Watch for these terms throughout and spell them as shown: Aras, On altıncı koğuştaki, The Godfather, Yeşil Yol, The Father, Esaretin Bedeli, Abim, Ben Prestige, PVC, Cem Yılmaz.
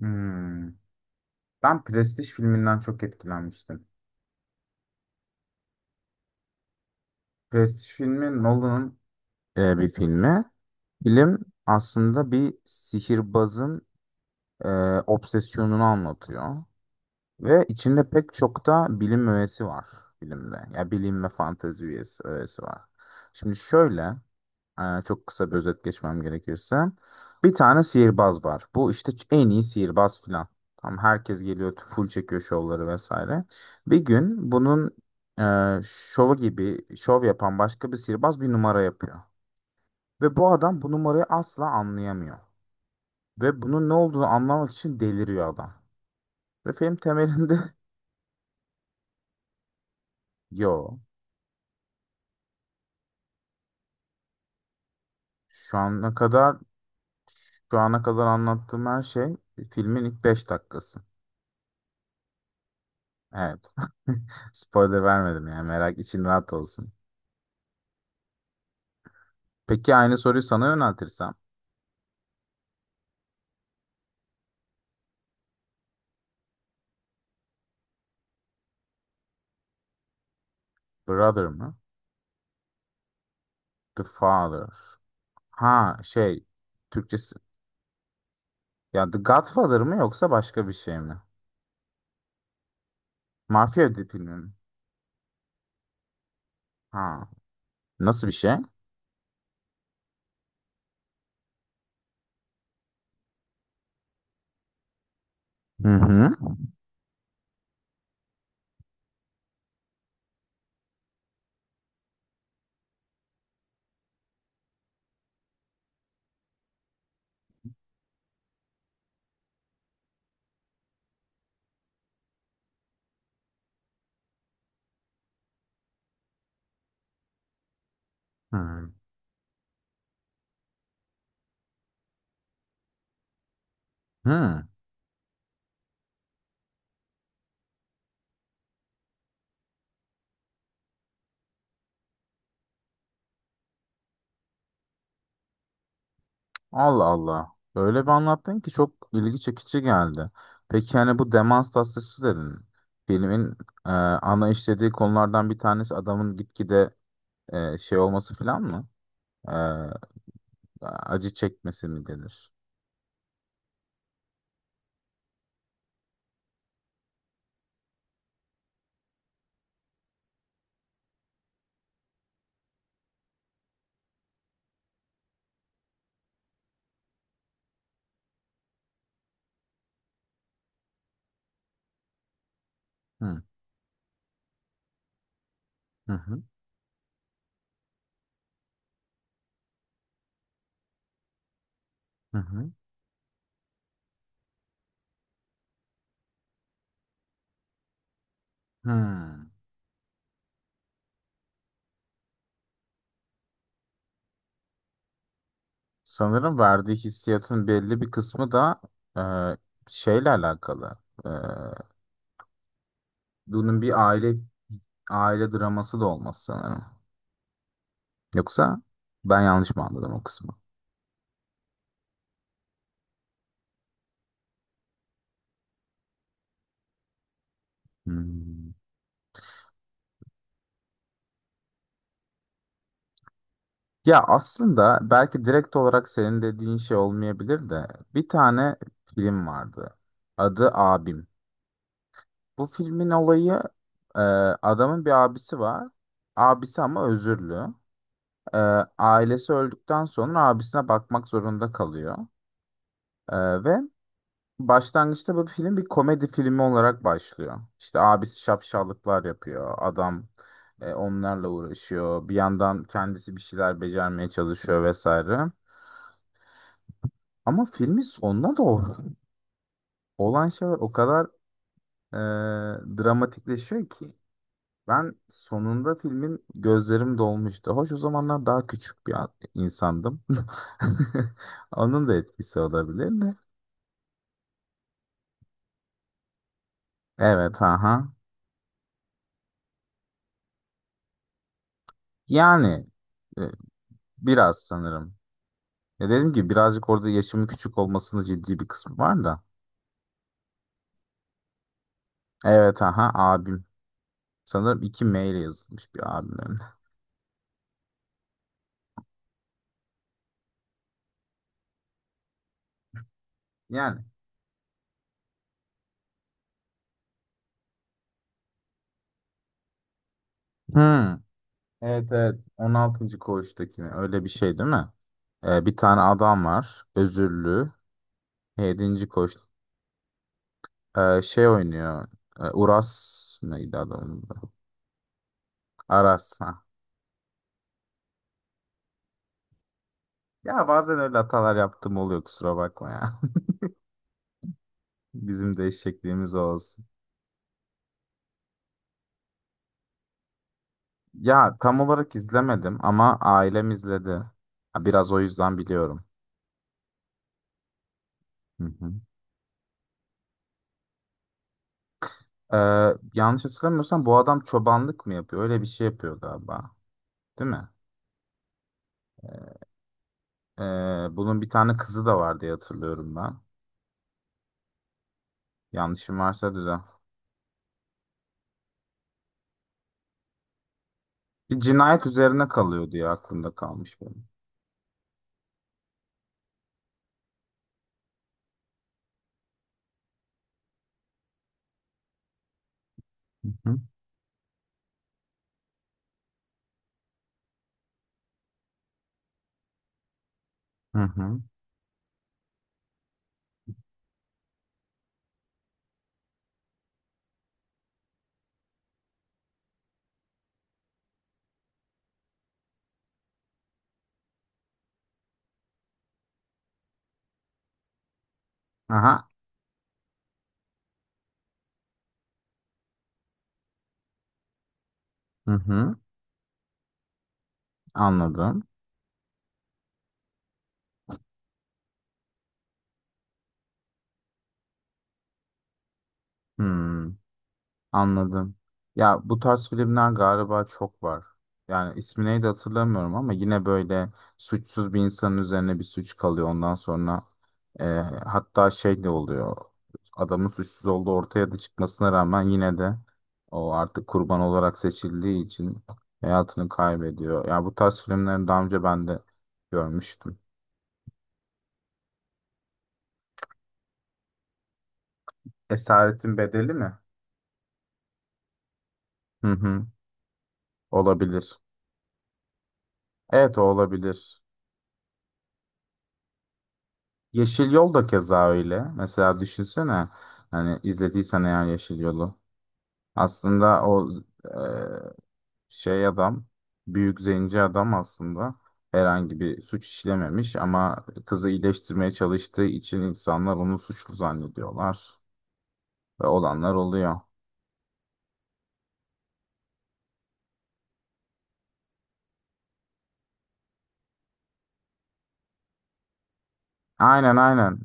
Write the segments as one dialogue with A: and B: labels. A: Hmm. Ben Prestige filminden çok etkilenmiştim. Prestige filmi Nolan'ın bir filmi. Film aslında bir sihirbazın e, obsesyonunu anlatıyor. Ve içinde pek çok da bilim öğesi var filmde. Ya bilim ve öğesi var. Şimdi şöyle. Çok kısa bir özet geçmem gerekirse. Bir tane sihirbaz var. Bu işte en iyi sihirbaz filan. Tam herkes geliyor, full çekiyor şovları vesaire. Bir gün bunun şovu gibi şov yapan başka bir sihirbaz bir numara yapıyor. Ve bu adam bu numarayı asla anlayamıyor. Ve bunun ne olduğunu anlamak için deliriyor adam. Ve film temelinde yo. Şu ana kadar şu ana kadar anlattığım her şey filmin ilk 5 dakikası. Evet. Spoiler vermedim yani merak için rahat olsun. Peki aynı soruyu sana yöneltirsem? Brother mı? The Father. Ha, şey, Türkçesi. Ya The Godfather mı yoksa başka bir şey mi? Mafya filmi mi? Ha. Nasıl bir şey? Hı hı. Hı. Hı. Allah Allah. Öyle bir anlattın ki çok ilgi çekici geldi. Peki yani bu demans tasvisi dedin. Filmin ana işlediği konulardan bir tanesi adamın gitgide şey olması falan mı? Ee, Acı çekmesi mi denir? Hı hı. Hı hı. Hı. Hmm. Sanırım verdiği hissiyatın belli bir kısmı da e, şeyle alakalı. E, Bunun bir aile draması da olmaz sanırım. Yoksa ben yanlış mı anladım o kısmı? Hmm. Ya aslında belki direkt olarak senin dediğin şey olmayabilir de bir tane film vardı. Adı Abim. Bu filmin olayı e, adamın bir abisi var. Abisi ama özürlü. E, Ailesi öldükten sonra abisine bakmak zorunda kalıyor. E, ve başlangıçta bu film bir komedi filmi olarak başlıyor. İşte abisi şapşallıklar yapıyor. Adam onlarla uğraşıyor. Bir yandan kendisi bir şeyler becermeye çalışıyor vesaire. Ama filmin sonuna doğru olan şeyler o kadar e, dramatikleşiyor ki. Ben sonunda filmin gözlerim dolmuştu. Hoş o zamanlar daha küçük bir insandım. Onun da etkisi olabilir de. Evet, aha. Yani e, biraz sanırım. Ya dedim ki birazcık orada yaşımın küçük olmasının ciddi bir kısmı var da. Evet, aha, abim. Sanırım 2 M ile yazılmış bir abimlerim. Yani. Hmm. Evet, evet. 16. koğuştaki mi? Öyle bir şey değil mi? Bir tane adam var. Özürlü. 7. Şey oynuyor. Uras, neydi adamın adı? Aras. Ha. Ya bazen öyle hatalar yaptığım oluyor, kusura bakma ya. Bizim de eşekliğimiz o olsun. Ya tam olarak izlemedim ama ailem izledi. Ha, biraz o yüzden biliyorum. Hı hı. Ee, Yanlış hatırlamıyorsam bu adam çobanlık mı yapıyor? Öyle bir şey yapıyor galiba. Değil mi? Bunun bir tane kızı da var diye hatırlıyorum ben. Yanlışım varsa düzelt. Bir cinayet üzerine kalıyordu ya, aklımda kalmış benim. Hı hı. Hı hı. Aha. Hı hı. Anladım. Hmm, anladım. Ya bu tarz filmler galiba çok var. Yani ismi neydi hatırlamıyorum ama yine böyle suçsuz bir insanın üzerine bir suç kalıyor. Ondan sonra e, hatta şey de oluyor. Adamın suçsuz olduğu ortaya da çıkmasına rağmen yine de o artık kurban olarak seçildiği için hayatını kaybediyor. Ya bu tarz filmleri daha önce ben de görmüştüm. Esaretin Bedeli mi? Hı hı. Olabilir. Evet, o olabilir. Yeşil Yol da keza öyle. Mesela düşünsene, hani izlediysen eğer Yeşil Yol'u. Aslında o e, adam, büyük zenci adam, aslında herhangi bir suç işlememiş ama kızı iyileştirmeye çalıştığı için insanlar onu suçlu zannediyorlar ve olanlar oluyor. Aynen aynen.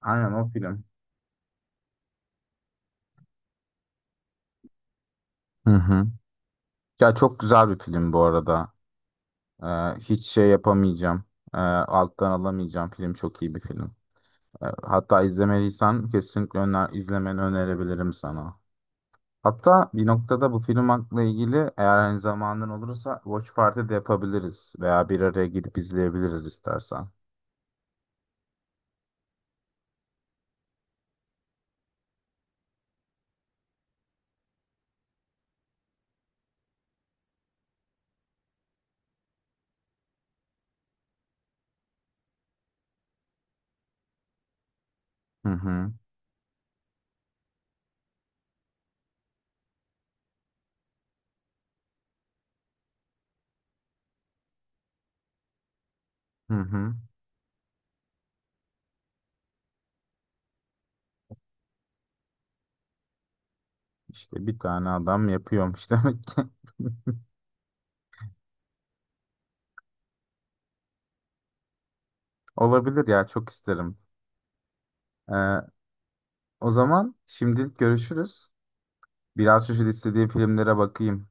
A: Aynen o film. Hı hı. Ya çok güzel bir film bu arada. E, Hiç şey yapamayacağım. Alttan alamayacağım. Film çok iyi bir film. Hatta izlemeliysen kesinlikle izlemeni önerebilirim sana. Hatta bir noktada bu film hakkında ilgili eğer hani zamanın olursa Watch Party de yapabiliriz. Veya bir araya gidip izleyebiliriz istersen. Hı hı. Hı hı. İşte bir tane adam yapıyormuş demek ki. Olabilir ya, çok isterim. Ee, O zaman şimdilik görüşürüz. Biraz şu istediği filmlere bakayım.